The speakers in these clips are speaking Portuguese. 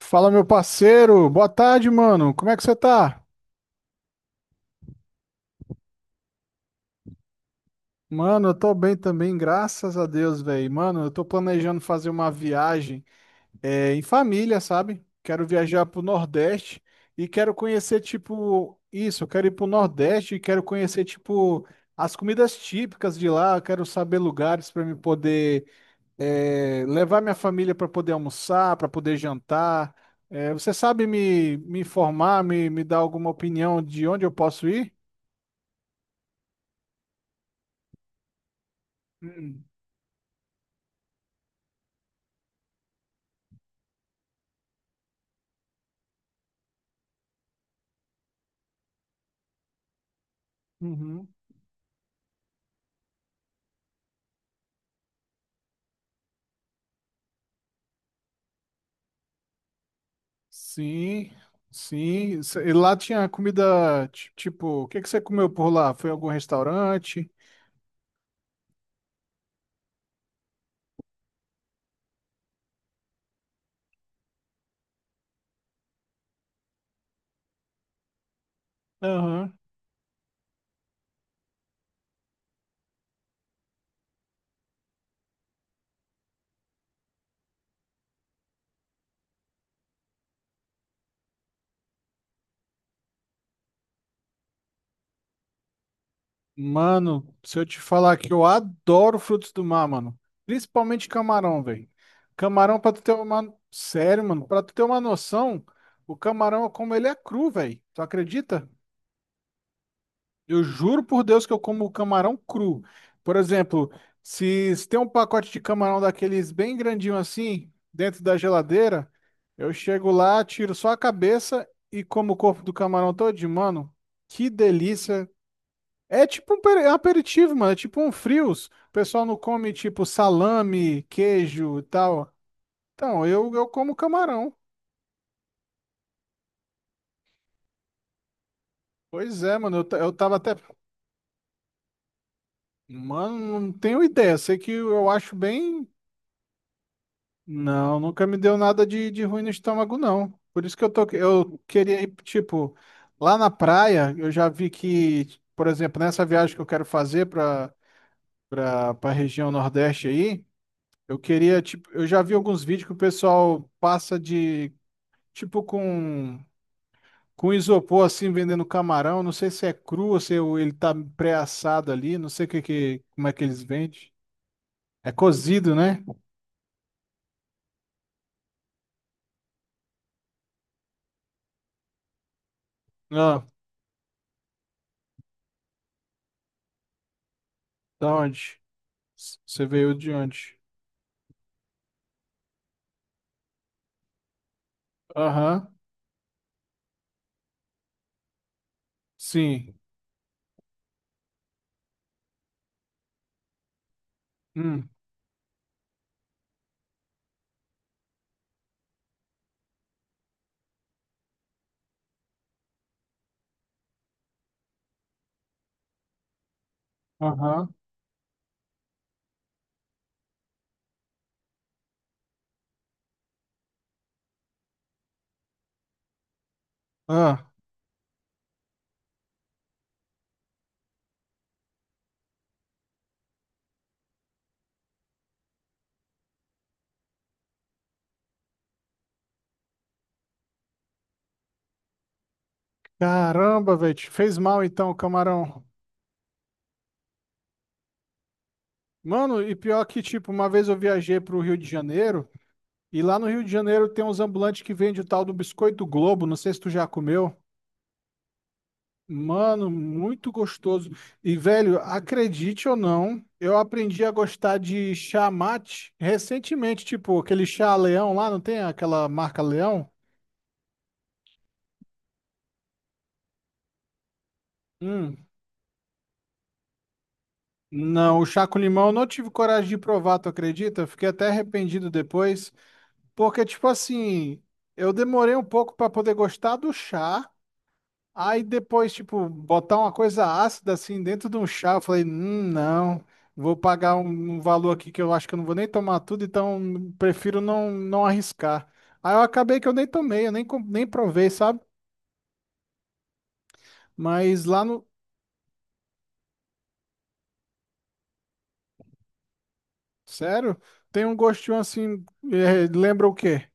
Fala, meu parceiro. Boa tarde, mano. Como é que você tá? Mano, eu tô bem também, graças a Deus, velho. Mano, eu tô planejando fazer uma viagem em família, sabe? Quero viajar pro Nordeste e quero conhecer, tipo, isso. Eu quero ir pro Nordeste e quero conhecer, tipo, as comidas típicas de lá. Eu quero saber lugares pra me poder levar minha família pra poder almoçar, pra poder jantar. É, você sabe me informar, me dar alguma opinião de onde eu posso ir? Hum, uhum. Sim, sim. E lá tinha comida, tipo, o que que você comeu por lá? Foi em algum restaurante? Aham. Mano, se eu te falar que eu adoro frutos do mar, mano. Principalmente camarão, velho. Camarão, pra tu ter uma... Sério, mano, pra tu ter uma noção, o camarão, eu como ele é cru, velho. Tu acredita? Eu juro por Deus que eu como camarão cru. Por exemplo, se tem um pacote de camarão daqueles bem grandinho assim, dentro da geladeira, eu chego lá, tiro só a cabeça e como o corpo do camarão todinho, mano. Que delícia. É é um aperitivo, mano. É tipo um frios. O pessoal não come tipo salame, queijo e tal. Então, eu como camarão. Pois é, mano. Eu tava até. Mano, não tenho ideia. Sei que eu acho bem. Não, nunca me deu nada de ruim no estômago, não. Por isso que eu tô, eu queria ir, tipo, lá na praia, eu já vi que, por exemplo, nessa viagem que eu quero fazer para a região Nordeste aí, eu queria, tipo, eu já vi alguns vídeos que o pessoal passa de, tipo, com isopor, assim, vendendo camarão. Não sei se é cru ou se o- ele tá pré-assado ali, não sei o que, que, como é que eles vendem. É cozido, né? Ah, da onde? Você veio de onde? Aham, sim. Hum, aham. Ah, caramba, velho, te fez mal então, camarão. Mano, e pior que, tipo, uma vez eu viajei pro Rio de Janeiro, e lá no Rio de Janeiro tem uns ambulantes que vendem o tal do Biscoito Globo, não sei se tu já comeu. Mano, muito gostoso. E, velho, acredite ou não, eu aprendi a gostar de chá mate recentemente, tipo, aquele chá Leão lá, não tem aquela marca Leão? Hum, Não, o chá com limão eu não tive coragem de provar, tu acredita? Eu fiquei até arrependido depois, porque, tipo assim, eu demorei um pouco pra poder gostar do chá, aí depois, tipo, botar uma coisa ácida assim dentro de um chá, eu falei, não, vou pagar um valor aqui que eu acho que eu não vou nem tomar tudo, então prefiro não, não arriscar. Aí eu acabei que eu nem tomei, eu nem, com- nem provei, sabe? Mas lá no. Sério, tem um gostinho assim, lembra o quê?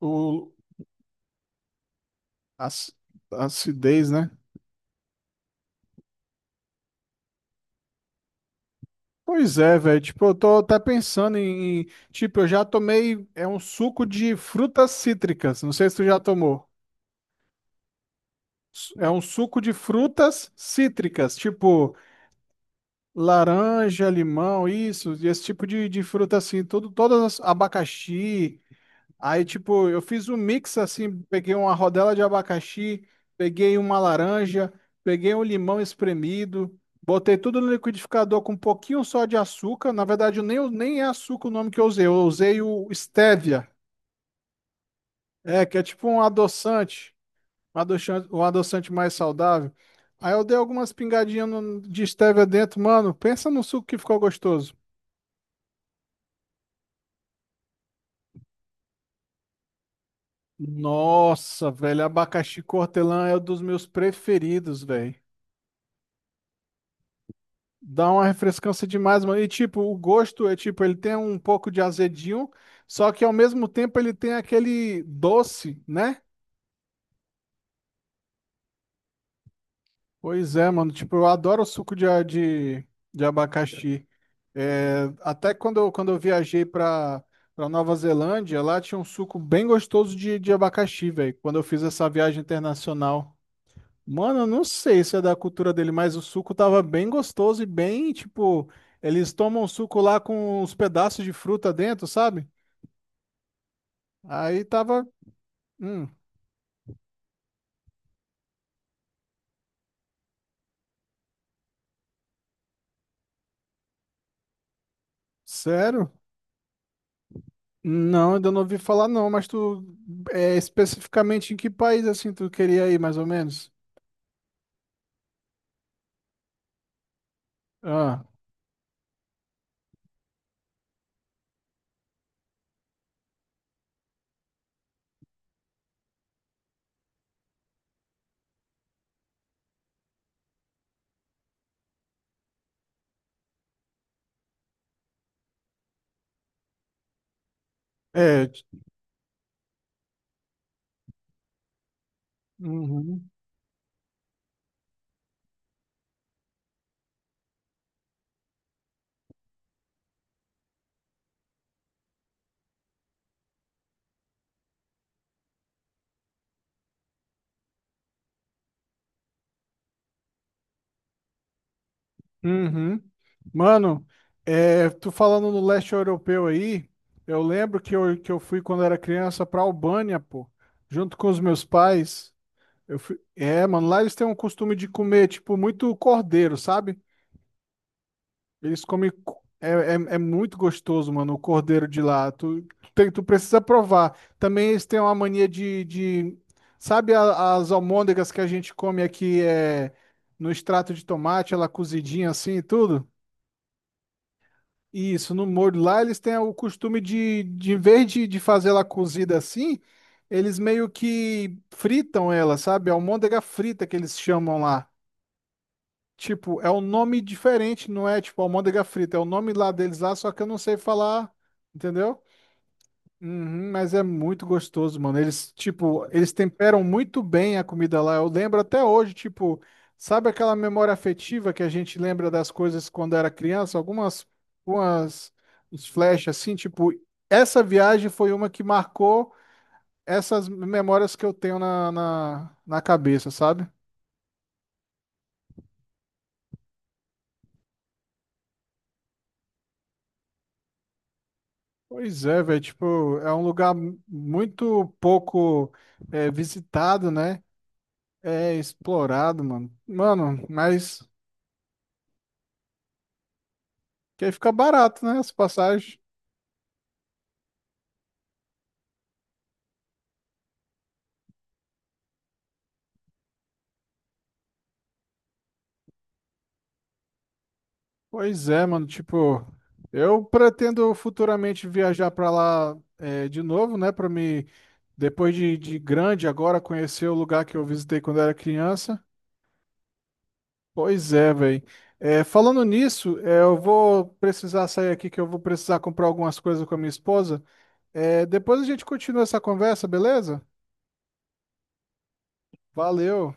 O Ac- Acidez, né? Pois é, velho. Tipo, eu tô até pensando em. Em- Tipo, eu já tomei. É um suco de frutas cítricas. Não sei se tu já tomou. É um suco de frutas cítricas. Tipo, laranja, limão, isso. Esse tipo de fruta assim. Tudo, todas as. Abacaxi. Aí, tipo, eu fiz um mix assim, peguei uma rodela de abacaxi, peguei uma laranja, peguei um limão espremido, botei tudo no liquidificador com um pouquinho só de açúcar. Na verdade, nem é açúcar o nome que eu usei o stevia, é, que é tipo um adoçante, um adoçante mais saudável. Aí eu dei algumas pingadinhas de stevia dentro, mano, pensa no suco que ficou gostoso. Nossa, velho, abacaxi hortelã é um dos meus preferidos, velho. Dá uma refrescância demais, mano. E tipo, o gosto é tipo, ele tem um pouco de azedinho, só que ao mesmo tempo ele tem aquele doce, né? Pois é, mano. Tipo, eu adoro o suco de abacaxi. É, até quando eu viajei pra Nova Zelândia, lá tinha um suco bem gostoso de abacaxi, velho. Quando eu fiz essa viagem internacional. Mano, eu não sei se é da cultura dele, mas o suco tava bem gostoso e bem, tipo, eles tomam suco lá com uns pedaços de fruta dentro, sabe? Aí tava, hum, sério? Não, ainda não ouvi falar não, mas tu é especificamente em que país assim tu queria ir, mais ou menos? Ah, é. t- uhum, uhum. Mano, é, tu falando no leste europeu aí, eu lembro que que eu fui quando era criança pra Albânia, pô, junto com os meus pais. Eu fui... É, mano, lá eles têm um costume de comer, tipo, muito cordeiro, sabe? É, é muito gostoso, mano, o cordeiro de lá. Tu precisa provar. Também eles têm uma mania de... Sabe as almôndegas que a gente come aqui é, no extrato de tomate, ela cozidinha assim e tudo? Isso, no molho lá eles têm o costume de em vez de fazer ela cozida assim, eles meio que fritam ela, sabe? A almôndega frita que eles chamam lá. Tipo, é um nome diferente, não é tipo almôndega frita, é o nome lá deles lá, só que eu não sei falar, entendeu? Uhum, mas é muito gostoso, mano. Eles temperam muito bem a comida lá. Eu lembro até hoje, tipo, sabe aquela memória afetiva que a gente lembra das coisas quando era criança? Algumas, umas, uns flash assim, tipo, essa viagem foi uma que marcou essas memórias que eu tenho na cabeça, sabe? Pois é, velho, tipo, é um lugar muito pouco visitado, né? É explorado, mano. Mano, mas que aí fica barato, né? As passagens. Pois é, mano, tipo, eu pretendo futuramente viajar pra lá de novo, né? Depois de grande, agora conhecer o lugar que eu visitei quando era criança. Pois é, velho. É, falando nisso, é, eu vou precisar sair aqui que eu vou precisar comprar algumas coisas com a minha esposa. É, depois a gente continua essa conversa, beleza? Valeu.